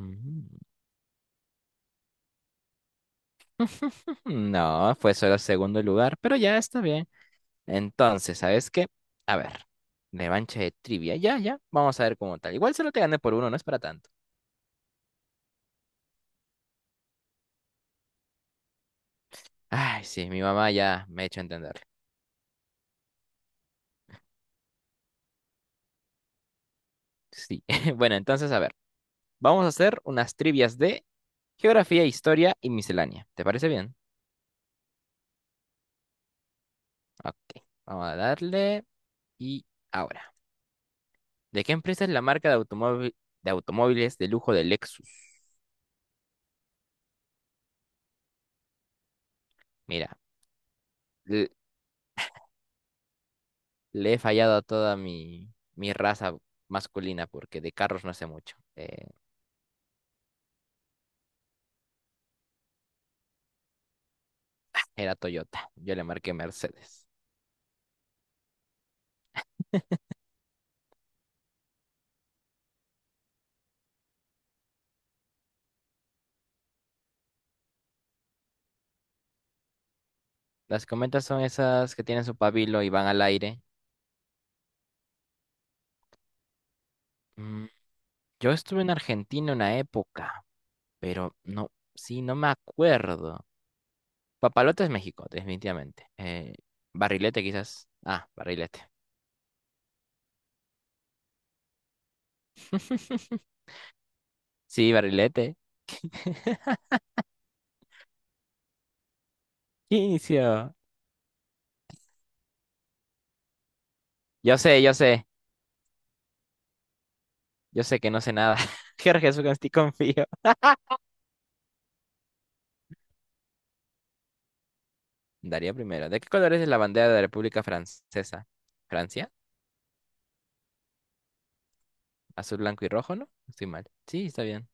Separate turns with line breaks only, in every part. Mm, no, fue solo segundo lugar, pero ya está bien. Entonces, ¿sabes qué? A ver, revancha de trivia. Ya, ya, vamos a ver cómo tal. Igual solo te gané por uno, no es para tanto. Ay, sí, mi mamá ya me ha hecho entender. Sí. Bueno, entonces, a ver, vamos a hacer unas trivias de geografía, historia y miscelánea. ¿Te parece bien? Ok, vamos a darle. Y ahora, ¿de qué empresa es la marca de automóviles de lujo de Lexus? Mira, le, le he fallado a toda mi raza masculina porque de carros no sé mucho. Era Toyota, yo le marqué Mercedes. Las cometas son esas que tienen su pabilo y van al aire. Mm, yo estuve en Argentina una época. Pero no, sí, no me acuerdo. Papalote es México, definitivamente. Barrilete quizás. Ah, barrilete. Sí, barrilete. Inicio. Yo sé, yo sé. Yo sé que no sé nada. Jorge, Jesús, en ti confío. Daría primero. ¿De qué colores es la bandera de la República Francesa? ¿Francia? Azul, blanco y rojo, ¿no? Estoy mal. Sí, está bien.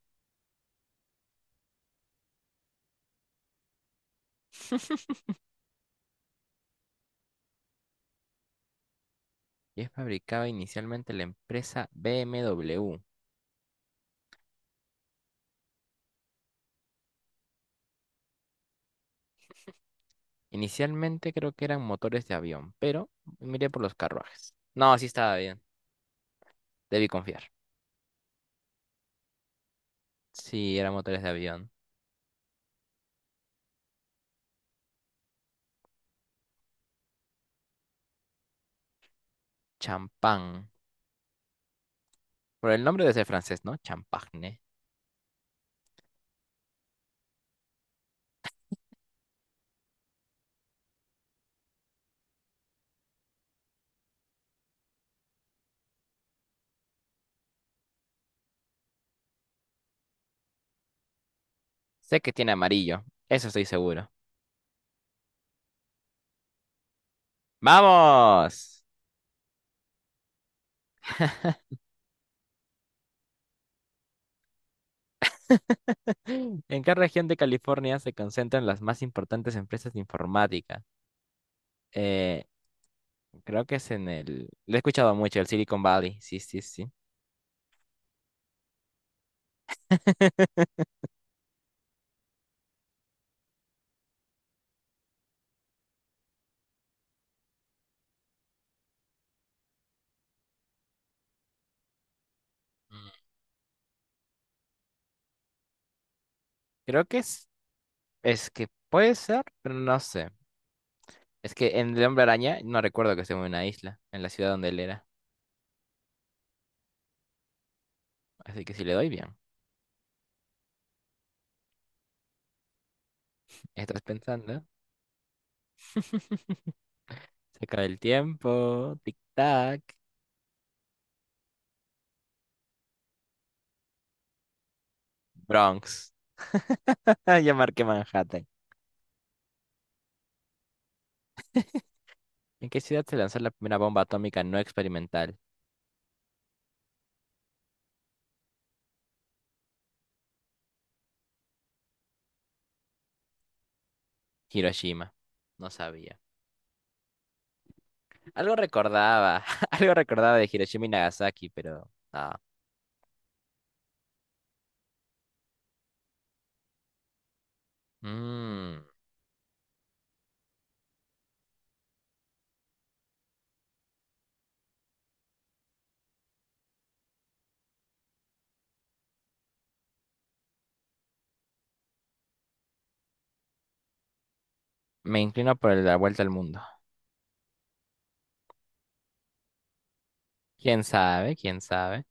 Y es fabricada inicialmente la empresa BMW. Inicialmente creo que eran motores de avión, pero miré por los carruajes. No, sí estaba bien. Debí confiar. Sí, eran motores de avión. Champán. Por el nombre debe ser francés, ¿no? Champagne. Sé que tiene amarillo. Eso estoy seguro. ¡Vamos! ¿En qué región de California se concentran las más importantes empresas de informática? Eh, Creo que es en el... lo he escuchado mucho, el Silicon Valley. Sí, sí, sí. Mm, creo que es... es que puede ser, pero no sé. Es que en El Hombre Araña no recuerdo que esté en una isla, en la ciudad donde él era. Así que si le doy bien. ¿Estás pensando? Se acaba el tiempo. Tic-tac. Bronx. Ya marqué Manhattan. ¿En qué ciudad se lanzó la primera bomba atómica no experimental? Hiroshima. No sabía. Algo recordaba. Algo recordaba de Hiroshima y Nagasaki, pero. Ah. Mm, me inclino por la vuelta al mundo. ¿Quién sabe? ¿Quién sabe?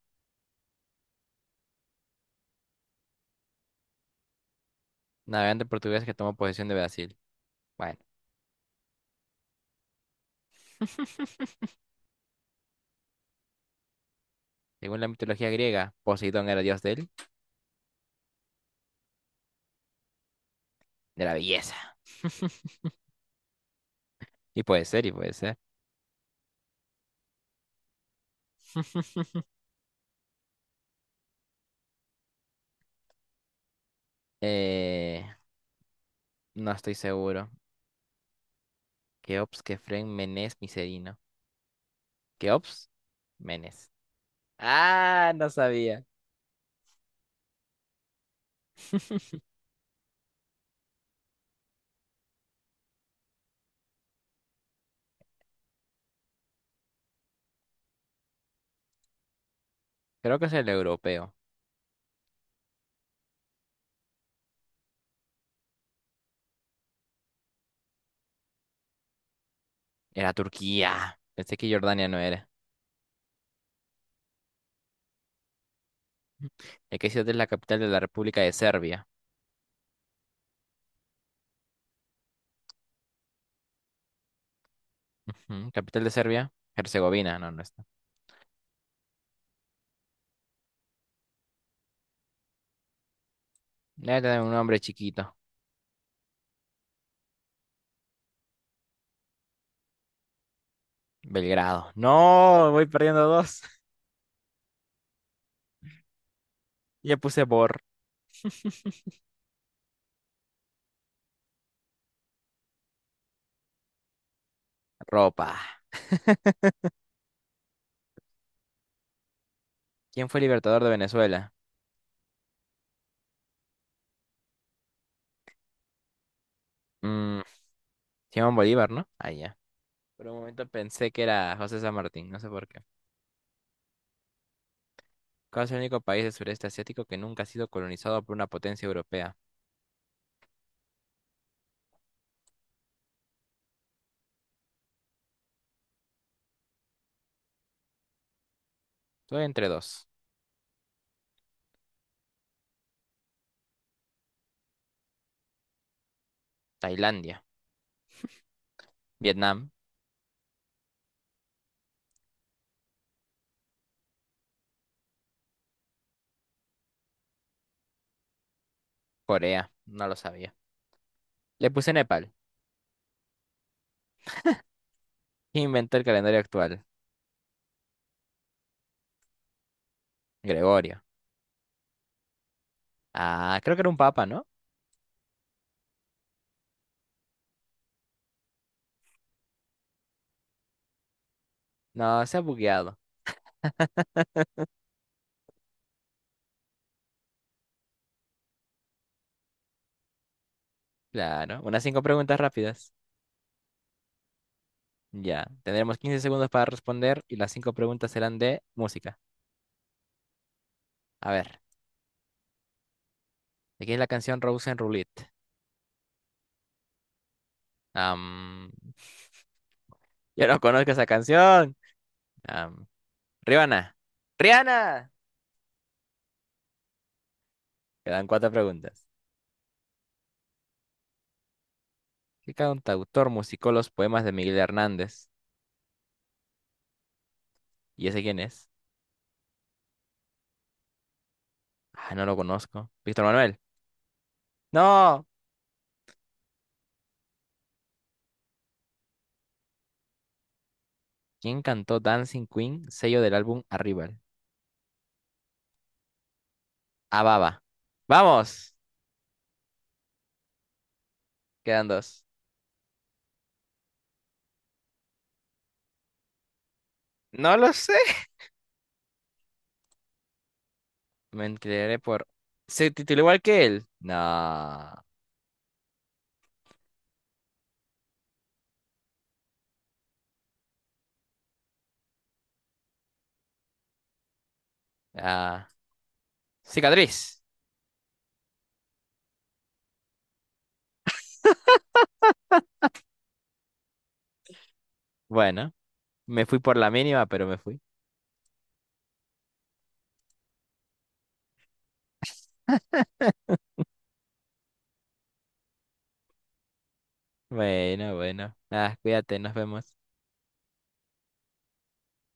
Navegante portugués que tomó posesión de Brasil. Bueno. Según la mitología griega, Poseidón era dios del de la belleza. Y puede ser, y puede ser. Eh, No estoy seguro. Keops, Kefren, Menes, Micerino. Keops, Menes. Ah, no sabía. Creo que es el europeo. Era Turquía. Pensé que Jordania no era. ¿De qué ciudad es la capital de la República de Serbia? Ujú, ¿capital de Serbia? Herzegovina. No, no está. Debe tener un nombre chiquito. Belgrado. No, voy perdiendo dos. Ya puse Bor. Ropa. ¿Quién fue el libertador de Venezuela? Mm, Simón Bolívar, ¿no? Ah, ya. Por un momento pensé que era José San Martín. No sé por qué. ¿Cuál es el único país del sureste asiático que nunca ha sido colonizado por una potencia europea? Estoy entre dos. Tailandia, Vietnam, Corea. No lo sabía. Le puse Nepal. ¿Quién inventó el calendario actual? Gregorio. Ah, creo que era un papa, ¿no? No, se ha bugueado. Claro. Unas 5 preguntas rápidas. Ya. Tendremos 15 segundos para responder y las 5 preguntas serán de música. A ver. Aquí es la canción Rose and Roulette. Am, yo no conozco esa canción. Am, Rihanna. ¡Rihanna! Quedan 4 preguntas. ¿Qué cantautor musicó los poemas de Miguel Hernández? ¿Y ese quién es? Ah, no lo conozco. Víctor Manuel. ¡No! ¿Quién cantó Dancing Queen, sello del álbum Arrival? Ababa. ¡Vamos! Quedan dos. No lo sé. Me enteré por... ¿Se tituló igual que él? No. Ah. Cicatriz. Bueno, me fui por la mínima, pero me fui. Bueno, bueno. Ah, cuídate, nos vemos.